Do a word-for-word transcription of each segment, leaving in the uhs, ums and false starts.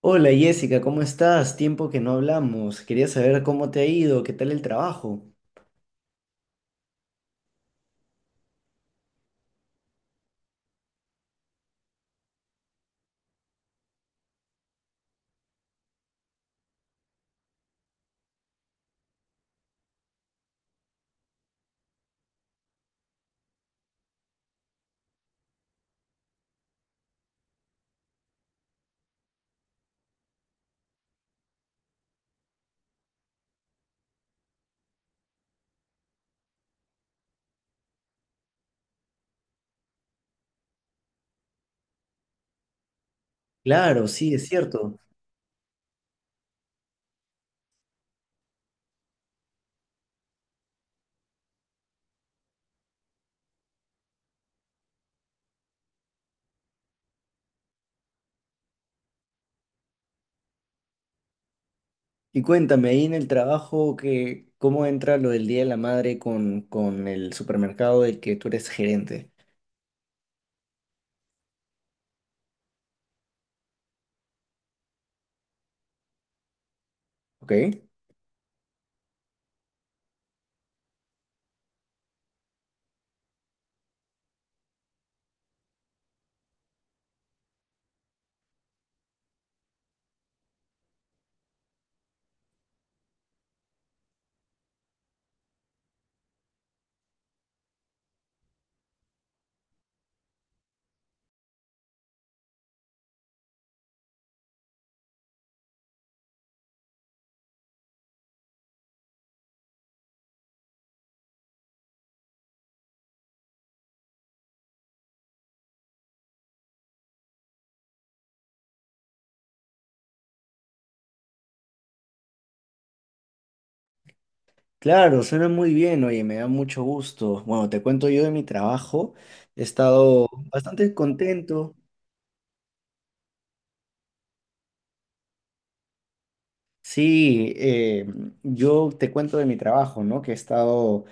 Hola Jessica, ¿cómo estás? Tiempo que no hablamos. Quería saber cómo te ha ido, qué tal el trabajo. Claro, sí, es cierto. Y cuéntame ahí en el trabajo que cómo entra lo del Día de la Madre con, con el supermercado del que tú eres gerente. ¿Ok? Claro, suena muy bien, oye, me da mucho gusto. Bueno, te cuento yo de mi trabajo. He estado bastante contento. Sí, eh, yo te cuento de mi trabajo, ¿no? Que he estado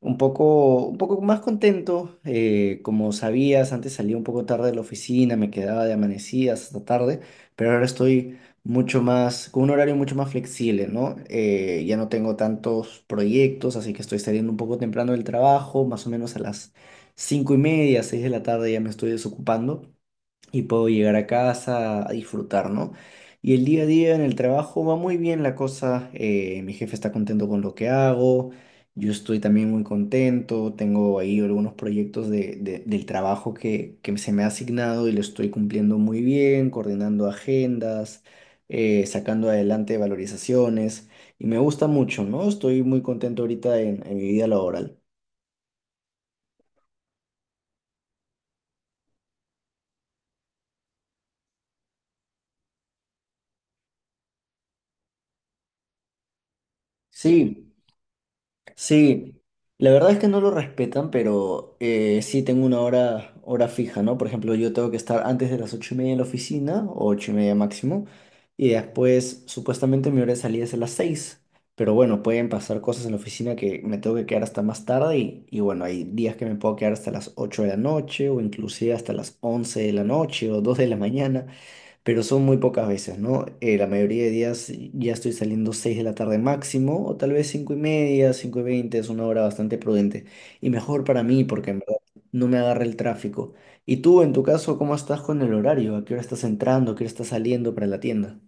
Un poco, un poco más contento, eh, como sabías, antes salía un poco tarde de la oficina, me quedaba de amanecidas hasta tarde, pero ahora estoy mucho más, con un horario mucho más flexible, ¿no? Eh, ya no tengo tantos proyectos, así que estoy saliendo un poco temprano del trabajo, más o menos a las cinco y media, seis de la tarde ya me estoy desocupando y puedo llegar a casa a disfrutar, ¿no? Y el día a día en el trabajo va muy bien la cosa, eh, mi jefe está contento con lo que hago, yo estoy también muy contento, tengo ahí algunos proyectos de, de- del trabajo que, que se me ha asignado y lo estoy cumpliendo muy bien, coordinando agendas, eh, sacando adelante valorizaciones y me gusta mucho, ¿no? Estoy muy contento ahorita en en mi vida laboral. Sí. Sí, la verdad es que no lo respetan, pero eh, sí tengo una hora, hora fija, ¿no? Por ejemplo, yo tengo que estar antes de las ocho y media en la oficina, o ocho y media máximo, y después supuestamente mi hora de salida es a las seis. Pero bueno, pueden pasar cosas en la oficina que me tengo que quedar hasta más tarde y, y bueno, hay días que me puedo quedar hasta las ocho de la noche o inclusive hasta las once de la noche o dos de la mañana, pero son muy pocas veces, ¿no? Eh, la mayoría de días ya estoy saliendo seis de la tarde máximo, o tal vez cinco y media, cinco y veinte, es una hora bastante prudente y mejor para mí porque en verdad no me agarra el tráfico. ¿Y tú, en tu caso, cómo estás con el horario? ¿A qué hora estás entrando? ¿A qué hora estás saliendo para la tienda?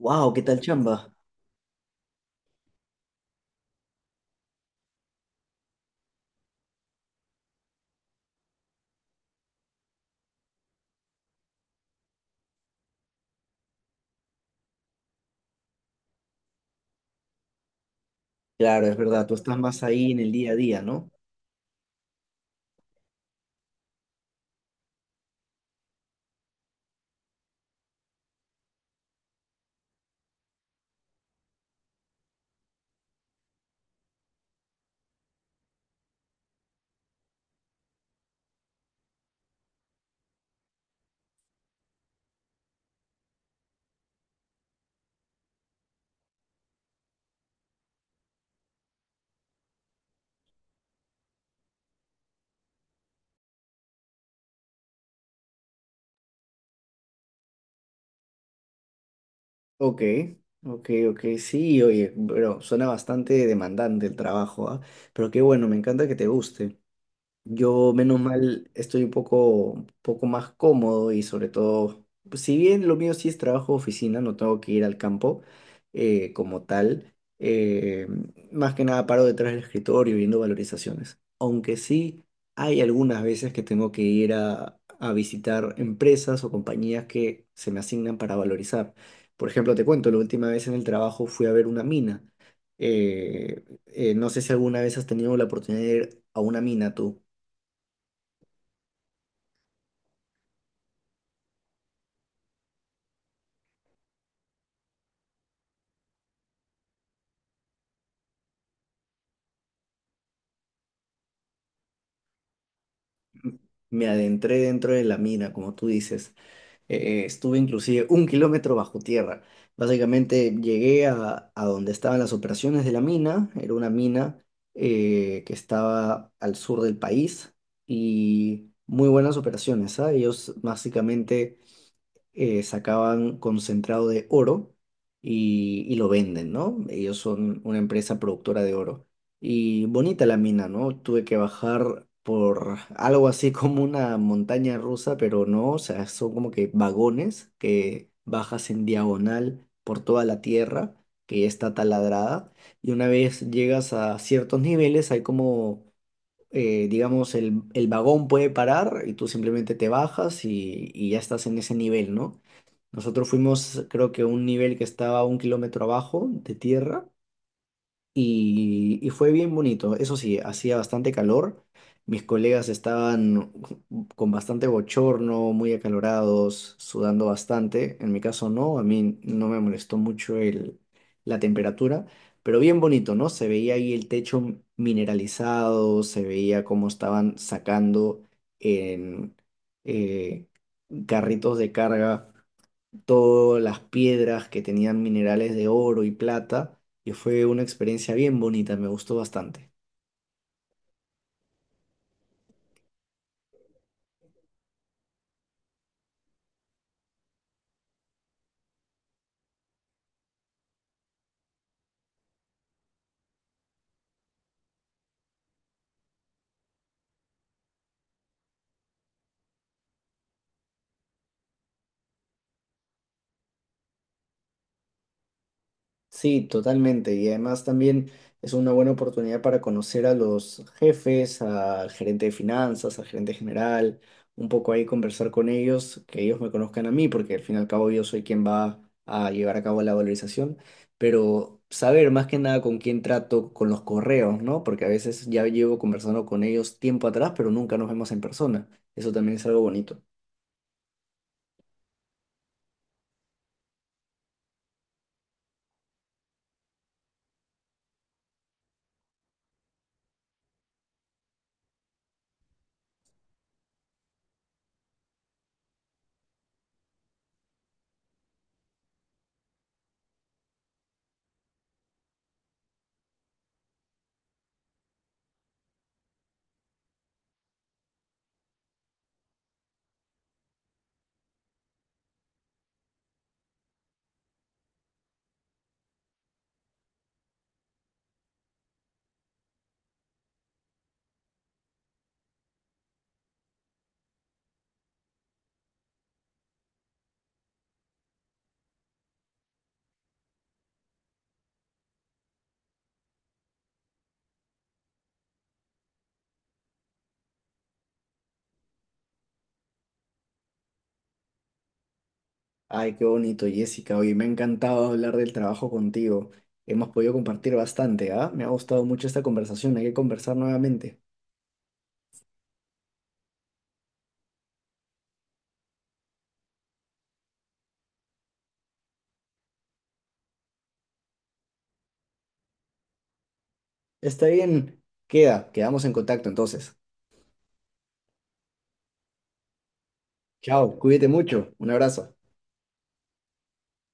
Wow, ¿qué tal chamba? Claro, es verdad, tú estás más ahí en el día a día, ¿no? Ok, ok, ok, sí, oye, pero suena bastante demandante el trabajo, ¿ah? Pero qué bueno, me encanta que te guste. Yo, menos mal, estoy un poco, un poco más cómodo y sobre todo, pues, si bien lo mío sí es trabajo de oficina, no tengo que ir al campo, eh, como tal, eh, más que nada paro detrás del escritorio viendo valorizaciones. Aunque sí hay algunas veces que tengo que ir a, a visitar empresas o compañías que se me asignan para valorizar. Por ejemplo, te cuento, la última vez en el trabajo fui a ver una mina. Eh, eh, no sé si alguna vez has tenido la oportunidad de ir a una mina tú. Me adentré dentro de la mina, como tú dices. Eh, estuve inclusive un kilómetro bajo tierra. Básicamente llegué a, a donde estaban las operaciones de la mina. Era una mina, eh, que estaba al sur del país y muy buenas operaciones, ¿ah? Ellos básicamente eh, sacaban concentrado de oro y, y lo venden, ¿no? Ellos son una empresa productora de oro. Y bonita la mina, ¿no? Tuve que bajar por algo así como una montaña rusa, pero no, o sea, son como que vagones que bajas en diagonal por toda la tierra que ya está taladrada. Y una vez llegas a ciertos niveles, hay como, eh, digamos, el, el vagón puede parar y tú simplemente te bajas y, y ya estás en ese nivel, ¿no? Nosotros fuimos, creo que a un nivel que estaba un kilómetro abajo de tierra y, y fue bien bonito. Eso sí, hacía bastante calor. Mis colegas estaban con bastante bochorno, muy acalorados, sudando bastante. En mi caso no, a mí no me molestó mucho el, la temperatura, pero bien bonito, ¿no? Se veía ahí el techo mineralizado, se veía cómo estaban sacando en eh, carritos de carga todas las piedras que tenían minerales de oro y plata y fue una experiencia bien bonita, me gustó bastante. Sí, totalmente. Y además también es una buena oportunidad para conocer a los jefes, al gerente de finanzas, al gerente general, un poco ahí conversar con ellos, que ellos me conozcan a mí, porque al fin y al cabo yo soy quien va a llevar a cabo la valorización, pero saber más que nada con quién trato, con los correos, ¿no? Porque a veces ya llevo conversando con ellos tiempo atrás, pero nunca nos vemos en persona. Eso también es algo bonito. Ay, qué bonito, Jessica. Oye, me ha encantado hablar del trabajo contigo. Hemos podido compartir bastante, ¿ah? Me ha gustado mucho esta conversación. Hay que conversar nuevamente. Está bien. Queda, quedamos en contacto entonces. Chao, cuídate mucho. Un abrazo.